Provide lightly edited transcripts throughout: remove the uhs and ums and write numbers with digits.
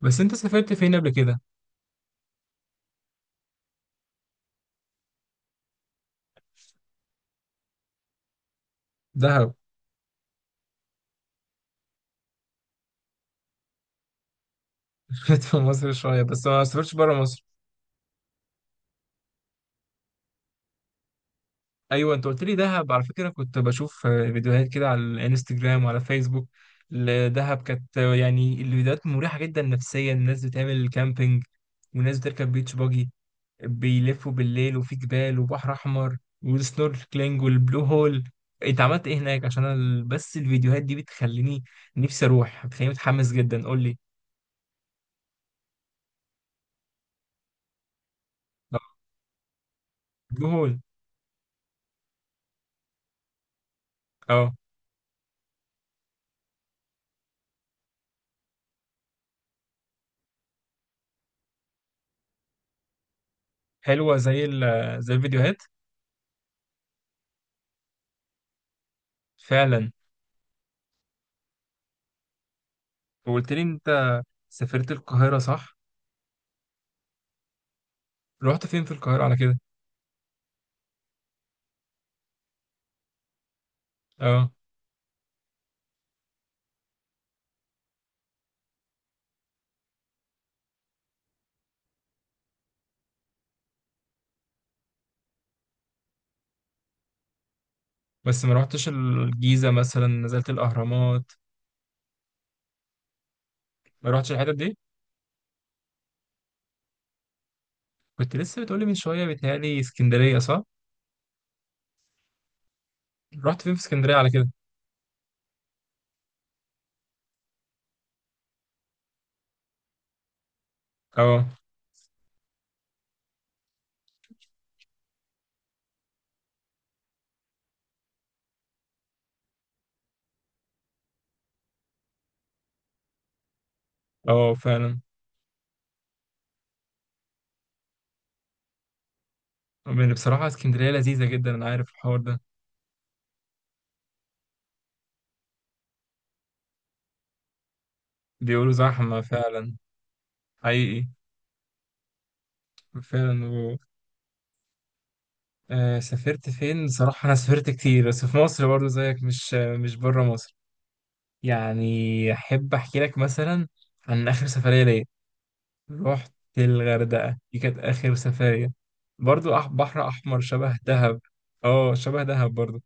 بس انت سافرت فين قبل كده؟ دهب. سافرت في مصر شوية بس ما سافرتش بره مصر. ايوه، انت قلت لي دهب. على فكرة كنت بشوف فيديوهات كده على الانستجرام وعلى فيسبوك لدهب. كانت يعني الفيديوهات مريحة جدا نفسيا. الناس بتعمل كامبينج، وناس بتركب بيتش باجي، بيلفوا بالليل، وفي جبال وبحر احمر، والسنوركلينج والبلو هول. انت عملت ايه هناك؟ عشان أنا بس الفيديوهات دي بتخليني نفسي اروح، بتخليني متحمس جدا، قول لي. البلو هول، اه. حلوة زي الفيديوهات. فعلا. وقلت لي انت سافرت القاهرة، صح؟ رحت فين في القاهرة على كده؟ اه. بس ما رحتش الجيزة مثلا، نزلت الأهرامات؟ ما رحتش الحتت دي؟ كنت لسه بتقولي من شوية، بيتهيألي اسكندرية صح؟ رحت فين في اسكندرية على كده؟ اه اه فعلا. يعني بصراحة اسكندرية لذيذة جدا، أنا عارف الحوار ده. بيقولوا زحمة فعلا. حقيقي. فعلا و... سافرت فين؟ بصراحة أنا سافرت كتير بس في مصر برضه زيك، مش بره مصر. يعني أحب أحكي لك مثلا عن آخر سفرية ليا. رحت الغردقة، دي كانت آخر سفرية. برضو بحر أحمر شبه دهب. اه شبه دهب برضو.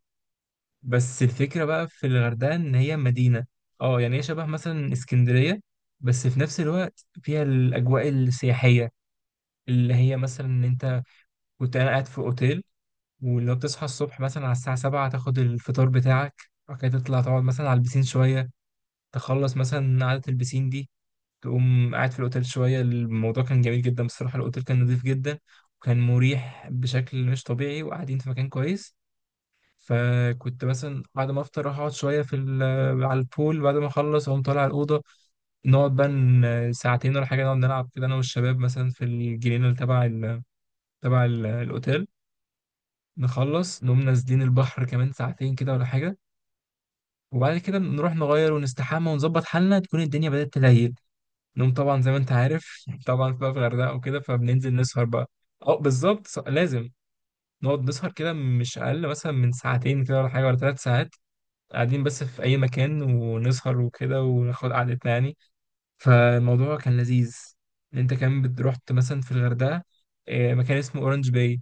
بس الفكرة بقى في الغردقة إن هي مدينة. اه يعني هي شبه مثلا اسكندرية، بس في نفس الوقت فيها الأجواء السياحية، اللي هي مثلا إن أنت... كنت أنا قاعد في أوتيل، ولو بتصحى الصبح مثلا على الساعة 7، تاخد الفطار بتاعك، وبعد كده تطلع تقعد مثلا على البسين شوية، تخلص مثلا قعدة البسين دي، تقوم قاعد في الأوتيل شوية. الموضوع كان جميل جدا بصراحة. الأوتيل كان نظيف جدا، وكان مريح بشكل مش طبيعي، وقاعدين في مكان كويس. فكنت مثلا بعد ما أفطر أروح أقعد شوية على البول، بعد ما أخلص أقوم طالع على الأوضة، نقعد بقى ساعتين ولا حاجة، نقعد نلعب كده أنا والشباب مثلا في الجنينة اللي الأوتيل. نخلص نقوم نازلين البحر كمان ساعتين كده ولا حاجة. وبعد كده نروح نغير ونستحمى ونظبط حالنا، تكون الدنيا بدأت تليل. نوم طبعا زي ما انت عارف. طبعا بقى في الغردقه وكده، فبننزل نسهر بقى. اه بالظبط. لازم نقعد نسهر كده، مش اقل مثلا من ساعتين كده ولا حاجه، ولا 3 ساعات، قاعدين بس في اي مكان ونسهر وكده وناخد قعدتنا يعني. فالموضوع كان لذيذ. انت كمان رحت مثلا في الغردقه مكان اسمه اورنج باي،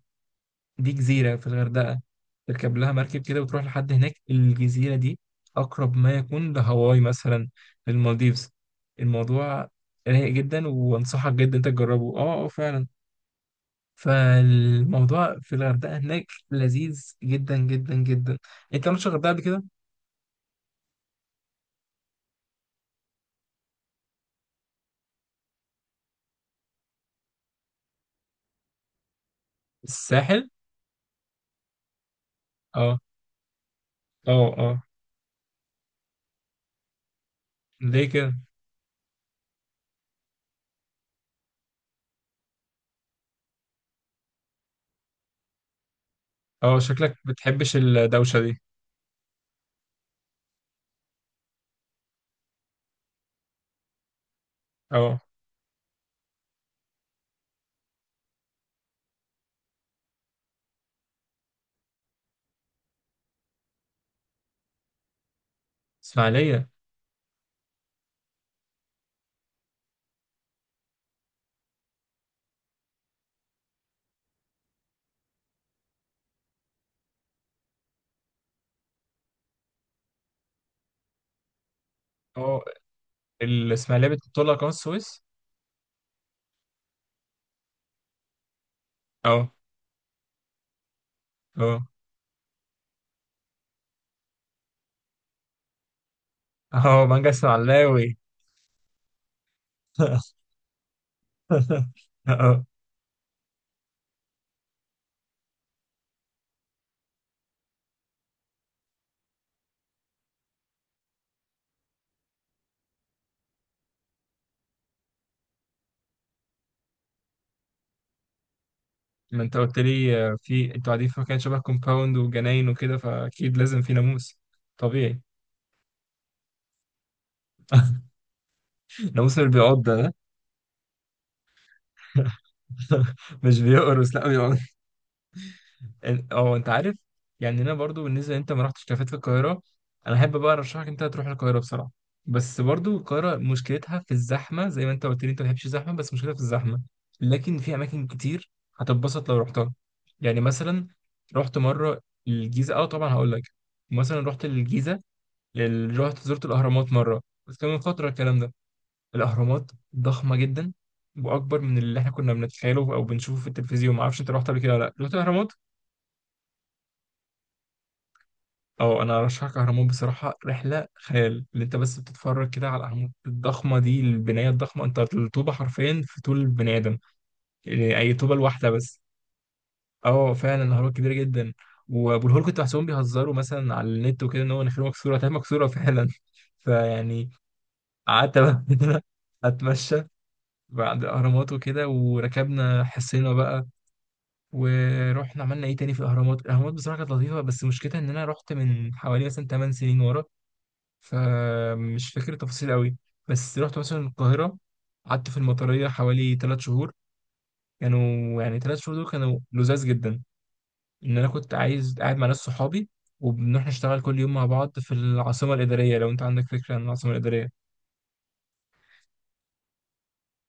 دي جزيرة في الغردقة. تركب لها مركب كده وتروح لحد هناك. الجزيرة دي أقرب ما يكون لهاواي مثلا، للمالديفز. الموضوع رايق جدا، وأنصحك جدا أنت تجربه. أه أه فعلا. فالموضوع في الغردقة هناك لذيذ جدا جدا جدا. أنت ما رحتش الغردقة قبل كده؟ الساحل؟ أه. أه أه. ليه كده؟ أه شكلك بتحبش الدوشة دي. أه. إسماعيلية. أه. الإسماعيلية بتطلع قناة السويس؟ أه. أه. اهو مانجا اسماعيلاوي. اهو. ما انت قلت لي في انتوا قاعدين في مكان شبه كومباوند وجناين وكده، فاكيد لازم في ناموس طبيعي. ناموس اللي بيعض ده. مش بيقرص، لا. اه انت عارف يعني. انا برضو بالنسبه، انت ما رحتش كافيهات في القاهره؟ انا احب بقى ارشحك انت تروح القاهره بصراحه، بس برضو القاهره مشكلتها في الزحمه، زي ما انت قلت لي انت ما بتحبش الزحمه، بس مشكلتها في الزحمه. لكن في اماكن كتير هتتبسط لو رحتها. يعني مثلا رحت مره الجيزه، اه طبعا هقول لك. مثلا رحت الجيزه، رحت زرت الاهرامات مره، بس كان من فتره الكلام ده. الاهرامات ضخمه جدا، واكبر من اللي احنا كنا بنتخيله او بنشوفه في التلفزيون. ما اعرفش انت رحت قبل كده ولا لا، رحت الاهرامات او... انا ارشحك اهرامات بصراحه، رحله خيال. اللي انت بس بتتفرج كده على الاهرامات الضخمه دي، البنايه الضخمه، انت الطوبه حرفيا في طول البني ادم. يعني اي طوبه الواحده بس. اه فعلا الاهرامات كبيره جدا. وابو الهول كنت بحسهم بيهزروا مثلا على النت وكده، ان هو نخيل مكسوره. تمام، مكسوره فعلا. فيعني قعدت بقى كده، اتمشى بعد الاهرامات وكده، وركبنا حصينا بقى، ورحنا عملنا ايه تاني في الاهرامات. الاهرامات بصراحه كانت لطيفه، بس مشكلتها ان انا رحت من حوالي مثلا 8 سنين ورا، فمش فاكر التفاصيل قوي. بس رحت مثلا القاهرة، قعدت في المطرية حوالي 3 شهور. كانوا يعني 3 شهور دول كانوا لذاذ جدا، إن أنا كنت عايز قاعد مع ناس صحابي، وبنروح نشتغل كل يوم مع بعض في العاصمة الإدارية. لو أنت عندك فكرة عن العاصمة الإدارية.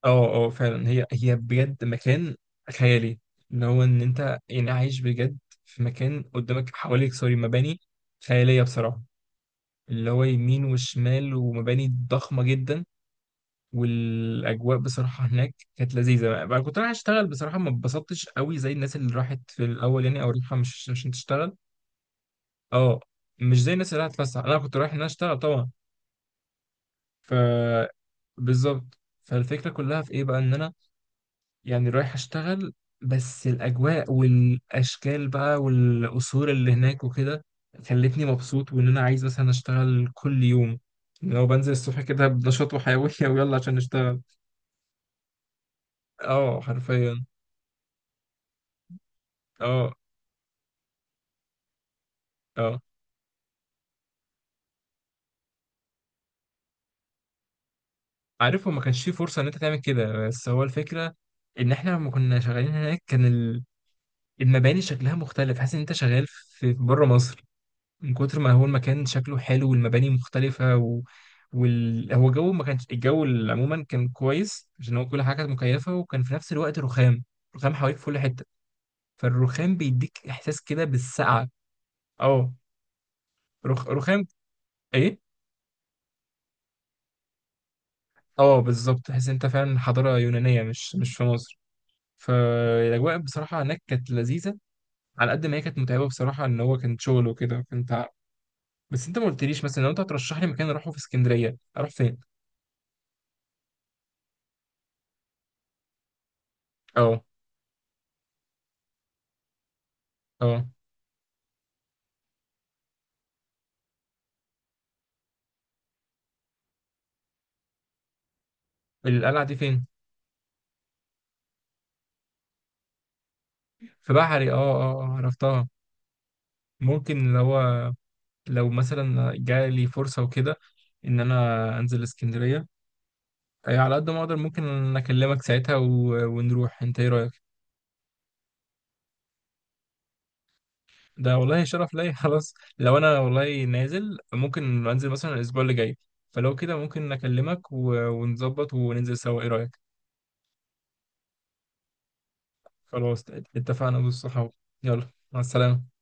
اه اه فعلا هي بجد مكان خيالي. اللي هو إن أنت يعني عايش بجد في مكان قدامك، حواليك، سوري، مباني خيالية بصراحة، اللي هو يمين وشمال ومباني ضخمة جدا. والاجواء بصراحه هناك كانت لذيذه، بقى كنت رايح اشتغل بصراحه، ما اتبسطتش قوي زي الناس اللي راحت في الاول يعني، او رايحه مش عشان تشتغل. اه. مش زي الناس اللي راحت تفسح، انا كنت رايح ان انا اشتغل طبعا. ف... بالظبط. فالفكره كلها في ايه بقى، ان انا يعني رايح اشتغل، بس الاجواء والاشكال بقى والقصور اللي هناك وكده خلتني مبسوط، وان انا عايز مثلا اشتغل كل يوم. لو بنزل الصبح كده بنشاط وحيويه ويلا عشان نشتغل. اه حرفيا. اه اه. عارف، هو ما كانش فيه فرصة ان انت تعمل كده، بس هو الفكرة ان احنا لما كنا شغالين هناك، كان المباني شكلها مختلف، حاسس ان انت شغال في بره مصر، من كتر ما هو المكان شكله حلو والمباني مختلفة و... هو جو ما كانش عموما كان كويس عشان هو كل حاجة كانت مكيفة، وكان في نفس الوقت رخام، رخام حواليك في كل حتة. فالرخام بيديك احساس كده بالسقعة. اه. رخام، ايه. اه بالظبط، تحس إن انت فعلا حضارة يونانية، مش في مصر. فالاجواء بصراحه هناك كانت لذيذه، على قد ما هي كانت متعبه بصراحه، ان هو كان شغل وكده، كنت بس انت ما قلتليش مثلا، لو انت هترشح لي مكان اروحه في اسكندريه، اروح فين؟ اه. اه. القلعه دي فين؟ في بحري. اه اه عرفتها. ممكن لو، لو مثلا جالي فرصه وكده ان انا انزل اسكندريه، أي على قد ما اقدر ممكن اكلمك ساعتها و... ونروح، انت ايه رايك؟ ده والله شرف ليا. خلاص لو انا والله نازل، ممكن انزل مثلا الاسبوع اللي جاي. فلو كده ممكن اكلمك ونظبط وننزل سوا، ايه رايك؟ خلاص اتفقنا بالصحاب. يلا مع السلامه.